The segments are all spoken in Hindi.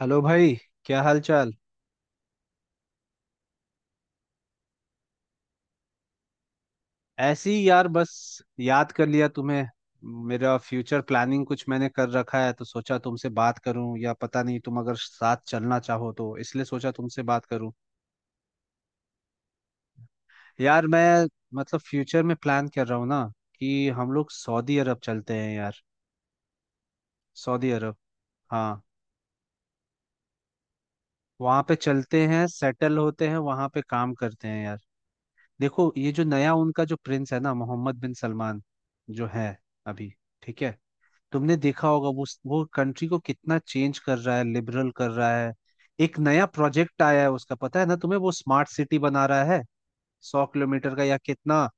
हेलो भाई। क्या हाल चाल। ऐसी यार बस, याद कर लिया तुम्हें। मेरा फ्यूचर प्लानिंग कुछ मैंने कर रखा है तो सोचा तुमसे बात करूं, या पता नहीं तुम अगर साथ चलना चाहो, तो इसलिए सोचा तुमसे बात करूं। यार मैं, मतलब फ्यूचर में प्लान कर रहा हूँ ना, कि हम लोग सऊदी अरब चलते हैं यार। सऊदी अरब। हाँ। वहाँ पे चलते हैं, सेटल होते हैं, वहाँ पे काम करते हैं यार। देखो, ये जो नया उनका जो प्रिंस है ना, मोहम्मद बिन सलमान, जो है अभी, ठीक है, तुमने देखा होगा वो कंट्री को कितना चेंज कर रहा है, लिबरल कर रहा है। एक नया प्रोजेक्ट आया है उसका, पता है ना तुम्हें, वो स्मार्ट सिटी बना रहा है, 100 किलोमीटर का या कितना,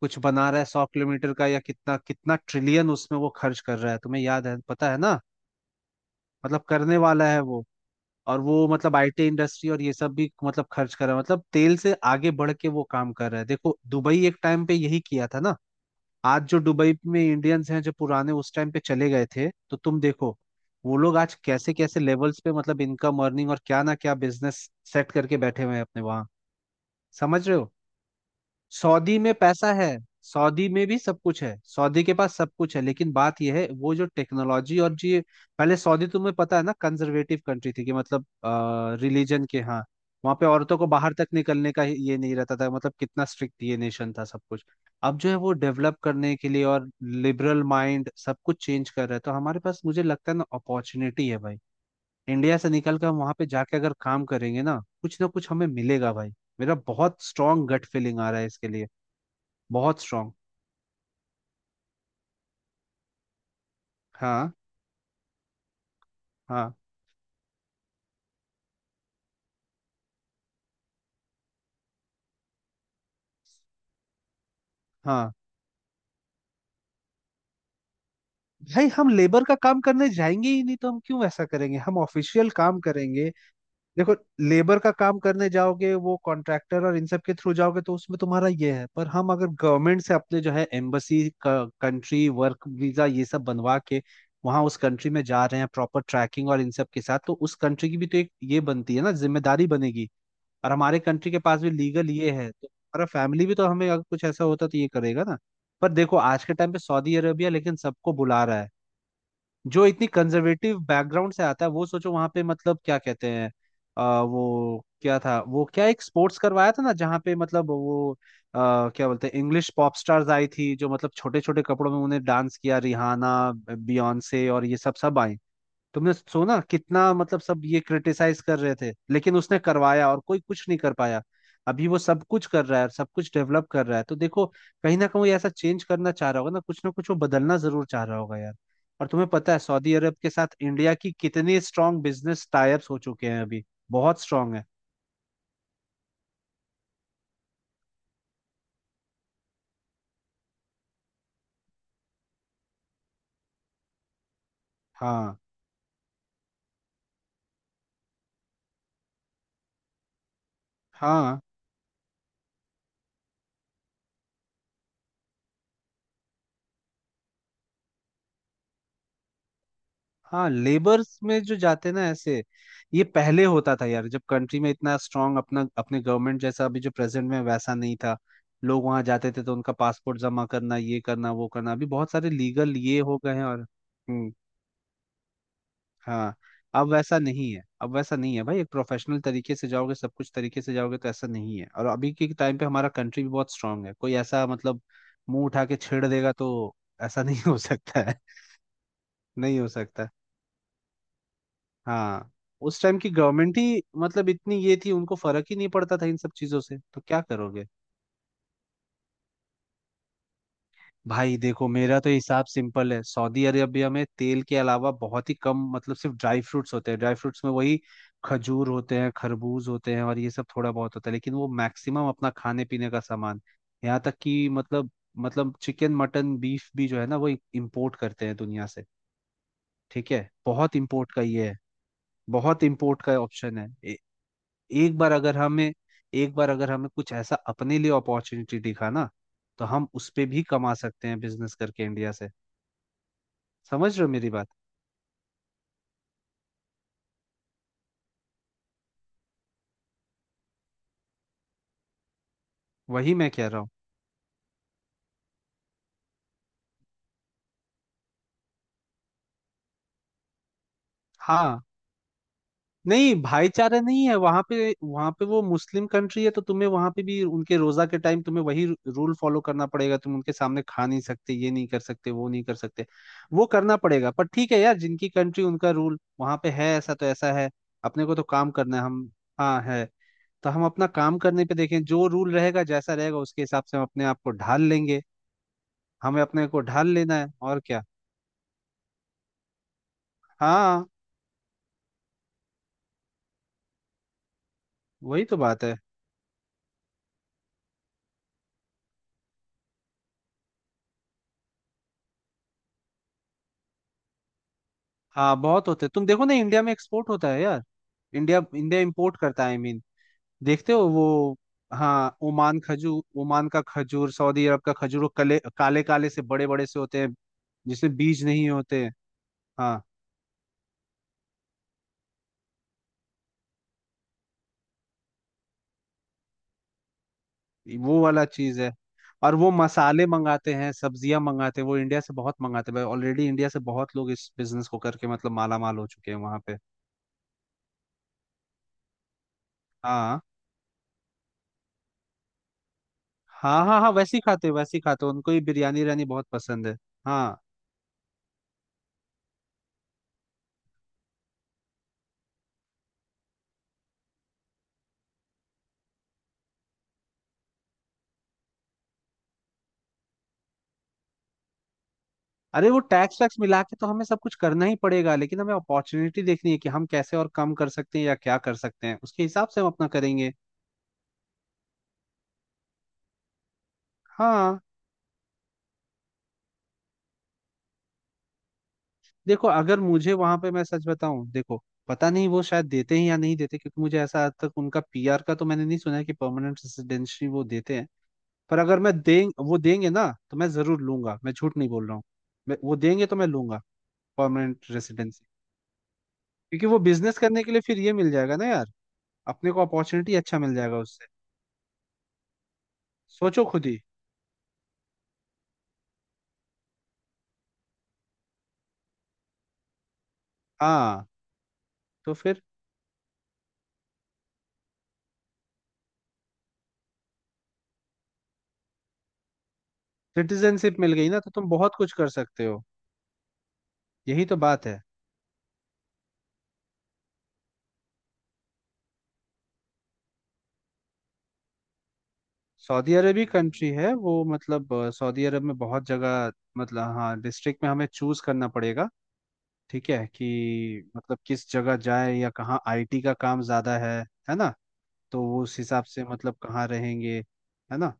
कुछ बना रहा है 100 किलोमीटर का या कितना, कितना ट्रिलियन उसमें वो खर्च कर रहा है, तुम्हें याद है, पता है ना। मतलब करने वाला है वो। और वो मतलब आईटी इंडस्ट्री और ये सब भी मतलब खर्च कर रहा है, मतलब तेल से आगे बढ़ के वो काम कर रहा है। देखो दुबई एक टाइम पे यही किया था ना। आज जो दुबई में इंडियंस हैं, जो पुराने उस टाइम पे चले गए थे, तो तुम देखो वो लोग आज कैसे कैसे लेवल्स पे, मतलब इनकम, अर्निंग और क्या ना क्या बिजनेस सेट करके बैठे हुए हैं अपने, वहां। समझ रहे हो। सऊदी में पैसा है, सऊदी में भी सब कुछ है, सऊदी के पास सब कुछ है, लेकिन बात यह है वो जो टेक्नोलॉजी और जी, पहले सऊदी तुम्हें पता है ना, कंजर्वेटिव कंट्री थी, कि मतलब रिलीजन के, हाँ, वहाँ पे औरतों को बाहर तक निकलने का ये नहीं रहता था, मतलब कितना स्ट्रिक्ट ये नेशन था सब कुछ। अब जो है वो डेवलप करने के लिए और लिबरल माइंड सब कुछ चेंज कर रहा है, तो हमारे पास मुझे लगता है ना, अपॉर्चुनिटी है भाई। इंडिया से निकल कर हम वहाँ पे जाके अगर काम करेंगे ना, कुछ ना कुछ हमें मिलेगा भाई। मेरा बहुत स्ट्रांग गट फीलिंग आ रहा है इसके लिए, बहुत स्ट्रांग। हाँ। हाँ। हाँ भाई, हम लेबर का काम करने जाएंगे ही नहीं, तो हम क्यों ऐसा करेंगे, हम ऑफिशियल काम करेंगे। देखो, लेबर का काम करने जाओगे वो कॉन्ट्रैक्टर और इन सब के थ्रू जाओगे तो उसमें तुम्हारा ये है, पर हम अगर गवर्नमेंट से अपने जो है एम्बसी, कंट्री, वर्क वीजा ये सब बनवा के वहां उस कंट्री में जा रहे हैं, प्रॉपर ट्रैकिंग और इन सब के साथ, तो उस कंट्री की भी तो एक ये बनती है ना, जिम्मेदारी बनेगी। और हमारे कंट्री के पास भी लीगल ये है, तो हमारा फैमिली भी तो हमें अगर कुछ ऐसा होता तो ये करेगा ना। पर देखो आज के टाइम पे सऊदी अरेबिया लेकिन सबको बुला रहा है। जो इतनी कंजर्वेटिव बैकग्राउंड से आता है वो, सोचो वहां पे मतलब क्या कहते हैं, वो क्या था, वो क्या एक स्पोर्ट्स करवाया था ना जहाँ पे मतलब वो, क्या बोलते हैं, इंग्लिश पॉप स्टार्स आई थी जो, मतलब छोटे छोटे कपड़ों में उन्हें डांस किया, रिहाना, बियॉन्से और ये सब सब आई। तुमने सुना कितना मतलब सब ये क्रिटिसाइज कर रहे थे, लेकिन उसने करवाया और कोई कुछ नहीं कर पाया। अभी वो सब कुछ कर रहा है, सब कुछ डेवलप कर रहा है, तो देखो कहीं ना कहीं वो ऐसा चेंज करना चाह रहा होगा ना, कुछ ना कुछ वो बदलना जरूर चाह रहा होगा यार। और तुम्हें पता है सऊदी अरब के साथ इंडिया की कितनी स्ट्रांग बिजनेस टाइप्स हो चुके हैं अभी, बहुत स्ट्रांग है। हाँ, हाँ। हाँ, लेबर्स में जो जाते ना ऐसे, ये पहले होता था यार, जब कंट्री में इतना स्ट्रांग अपना, अपने गवर्नमेंट जैसा अभी जो प्रेजेंट में, वैसा नहीं था। लोग वहां जाते थे तो उनका पासपोर्ट जमा करना, ये करना, वो करना, अभी बहुत सारे लीगल ये हो गए हैं और हाँ। अब वैसा नहीं है, अब वैसा नहीं है भाई, एक प्रोफेशनल तरीके से जाओगे, सब कुछ तरीके से जाओगे तो ऐसा नहीं है। और अभी के टाइम पे हमारा कंट्री भी बहुत स्ट्रांग है, कोई ऐसा मतलब मुंह उठा के छेड़ देगा तो ऐसा नहीं हो सकता है, नहीं हो सकता। हाँ, उस टाइम की गवर्नमेंट ही मतलब इतनी ये थी, उनको फर्क ही नहीं पड़ता था इन सब चीजों से, तो क्या करोगे। भाई देखो, मेरा तो हिसाब सिंपल है, सऊदी अरेबिया में तेल के अलावा बहुत ही कम मतलब, सिर्फ ड्राई फ्रूट्स होते हैं, ड्राई फ्रूट्स में वही खजूर होते हैं, खरबूज होते हैं और ये सब थोड़ा बहुत होता है, लेकिन वो मैक्सिमम अपना खाने पीने का सामान, यहाँ तक कि मतलब, मतलब चिकन, मटन, बीफ भी जो है ना वो इम्पोर्ट करते हैं दुनिया से। ठीक है। बहुत इम्पोर्ट का ये है, बहुत इम्पोर्ट का ऑप्शन है। एक बार अगर हमें एक बार अगर हमें कुछ ऐसा अपने लिए अपॉर्चुनिटी दिखा ना, तो हम उस पे भी कमा सकते हैं बिजनेस करके इंडिया से। समझ रहे हो मेरी बात। वही मैं कह रहा हूँ। हाँ। नहीं, भाईचारा नहीं है वहां पे, वहां पे वो मुस्लिम कंट्री है तो तुम्हें वहां पे भी उनके रोजा के टाइम तुम्हें वही रूल फॉलो करना पड़ेगा, तुम उनके सामने खा नहीं सकते, ये नहीं कर सकते, वो नहीं कर सकते, वो करना पड़ेगा, पर ठीक है यार, जिनकी कंट्री उनका रूल वहां पे है, ऐसा तो ऐसा है, अपने को तो काम करना है हम। हाँ है। तो हम अपना काम करने पे देखें, जो रूल रहेगा जैसा रहेगा उसके हिसाब से हम अपने आप को ढाल लेंगे। हमें अपने को ढाल लेना है और क्या। हाँ, वही तो बात है। हाँ बहुत होते हैं, तुम देखो ना इंडिया में एक्सपोर्ट होता है यार, इंडिया इंडिया इम्पोर्ट करता है, आई मीन, देखते हो वो। हाँ, ओमान खजूर, ओमान का खजूर, सऊदी अरब का खजूर, वो काले काले से, बड़े बड़े से होते हैं, जिसमें बीज नहीं होते हैं। हाँ, वो वाला चीज है। और वो मसाले मंगाते हैं, सब्जियां मंगाते हैं, वो इंडिया से बहुत मंगाते हैं भाई। ऑलरेडी इंडिया से बहुत लोग इस बिजनेस को करके मतलब माला माल हो चुके हैं वहां पे। हाँ, हाँ, हाँ, हाँ वैसे ही खाते हैं, वैसे ही खाते हैं, उनको ही बिरयानी रानी बहुत पसंद है। हाँ। अरे वो टैक्स वैक्स मिला के तो हमें सब कुछ करना ही पड़ेगा, लेकिन हमें अपॉर्चुनिटी देखनी है कि हम कैसे और कम कर सकते हैं या क्या कर सकते हैं, उसके हिसाब से हम अपना करेंगे। हाँ। देखो अगर मुझे वहां पे, मैं सच बताऊं देखो, पता नहीं वो शायद देते हैं या नहीं देते, क्योंकि मुझे ऐसा आज तक उनका पीआर का तो मैंने नहीं सुना है कि परमानेंट रेजिडेंसी वो देते हैं। पर अगर मैं, दें वो देंगे ना तो मैं जरूर लूंगा, मैं झूठ नहीं बोल रहा हूँ, मैं वो देंगे तो मैं लूंगा, परमानेंट रेजिडेंसी। क्योंकि वो बिजनेस करने के लिए फिर ये मिल जाएगा ना यार, अपने को अपॉर्चुनिटी अच्छा मिल जाएगा उससे। सोचो खुद ही। हाँ तो फिर, सिटीजनशिप मिल गई ना तो तुम बहुत कुछ कर सकते हो। यही तो बात है। सऊदी अरब ही कंट्री है वो, मतलब सऊदी अरब में बहुत जगह, मतलब हाँ डिस्ट्रिक्ट में हमें चूज करना पड़ेगा ठीक है, कि मतलब किस जगह जाए या कहाँ आईटी का काम ज्यादा है ना। तो वो उस हिसाब से, मतलब कहाँ रहेंगे, है ना।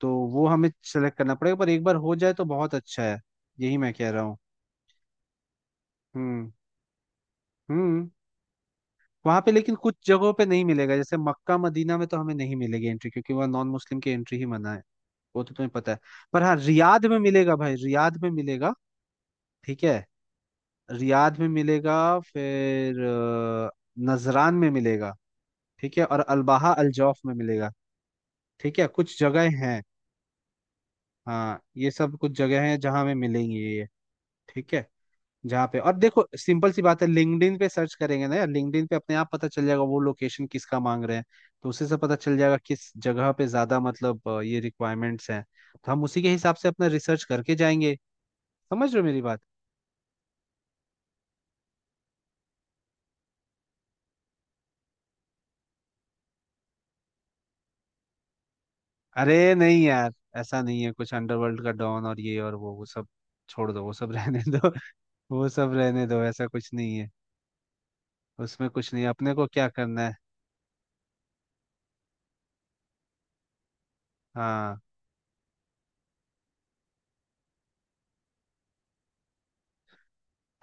तो वो हमें सेलेक्ट करना पड़ेगा, पर एक बार हो जाए तो बहुत अच्छा है। यही मैं कह रहा हूँ। हम्म। हम्म। वहां पे लेकिन कुछ जगहों पे नहीं मिलेगा, जैसे मक्का मदीना में तो हमें नहीं मिलेगी एंट्री, क्योंकि वह नॉन मुस्लिम की एंट्री ही मना है, वो तो तुम्हें पता है। पर हाँ, रियाद में मिलेगा भाई, रियाद में मिलेगा। ठीक है। रियाद में मिलेगा, फिर नजरान में मिलेगा। ठीक है। और अलबाहा, अलजौफ में मिलेगा। ठीक है, कुछ जगह हैं। हाँ, ये सब कुछ जगह हैं जहाँ हमें मिलेंगी ये। ठीक है। जहाँ पे, और देखो सिंपल सी बात है, लिंक्डइन पे सर्च करेंगे ना यार, लिंक्डइन पे अपने आप पता चल जाएगा वो लोकेशन किसका मांग रहे हैं। तो उसी से पता चल जाएगा किस जगह पे ज्यादा मतलब ये रिक्वायरमेंट्स हैं, तो हम उसी के हिसाब से अपना रिसर्च करके जाएंगे। समझ रहे हो मेरी बात। अरे नहीं यार, ऐसा नहीं है कुछ अंडरवर्ल्ड का डॉन और ये और वो सब छोड़ दो, वो सब रहने दो। वो सब रहने दो, ऐसा कुछ नहीं है, उसमें कुछ नहीं है, अपने को क्या करना है। हाँ।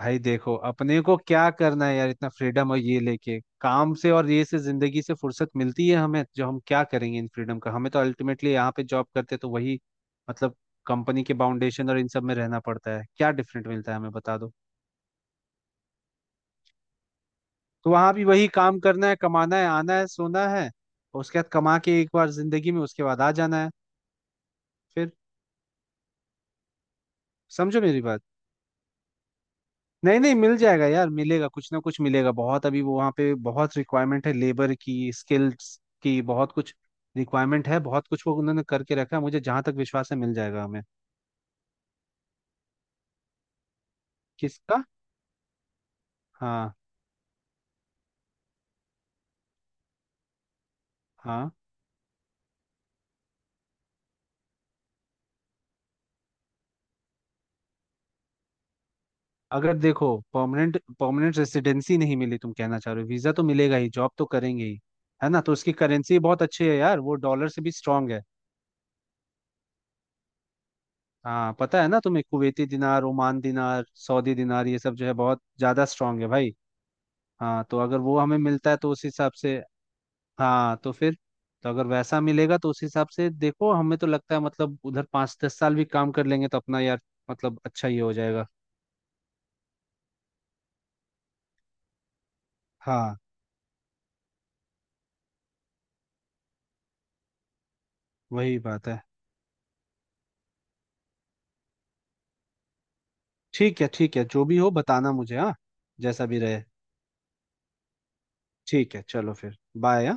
भाई देखो, अपने को क्या करना है यार, इतना फ्रीडम और ये लेके, काम से और ये से, जिंदगी से फुर्सत मिलती है हमें जो हम क्या करेंगे इन फ्रीडम का, हमें तो अल्टीमेटली यहाँ पे जॉब करते तो वही मतलब कंपनी के फाउंडेशन और इन सब में रहना पड़ता है, क्या डिफरेंट मिलता है हमें बता दो। तो वहां भी वही काम करना है, कमाना है, आना है, सोना है, और उसके बाद कमा के एक बार जिंदगी में उसके बाद आ जाना है फिर। समझो मेरी बात। नहीं, नहीं मिल जाएगा यार, मिलेगा कुछ ना कुछ मिलेगा, बहुत अभी वो वहाँ पे बहुत रिक्वायरमेंट है लेबर की, स्किल्स की, बहुत कुछ रिक्वायरमेंट है, बहुत कुछ वो उन्होंने करके रखा है, मुझे जहां तक विश्वास है मिल जाएगा हमें। किसका। हाँ। हाँ। अगर देखो परमानेंट परमानेंट रेसिडेंसी नहीं मिली तुम कहना चाह रहे हो, वीजा तो मिलेगा ही, जॉब तो करेंगे ही, है ना। तो उसकी करेंसी बहुत अच्छी है यार, वो डॉलर से भी स्ट्रांग है। हाँ, पता है ना तुम्हें, कुवैती दिनार, ओमान दिनार, सऊदी दिनार, ये सब जो है बहुत ज्यादा स्ट्रांग है भाई। हाँ तो अगर वो हमें मिलता है तो उस हिसाब से, हाँ तो फिर, तो अगर वैसा मिलेगा तो उस हिसाब से देखो हमें तो लगता है मतलब उधर 5-10 साल भी काम कर लेंगे तो अपना यार, मतलब अच्छा ही हो जाएगा। हाँ, वही बात है। ठीक है, ठीक है, जो भी हो बताना मुझे। हाँ जैसा भी रहे। ठीक है, चलो फिर, बाय।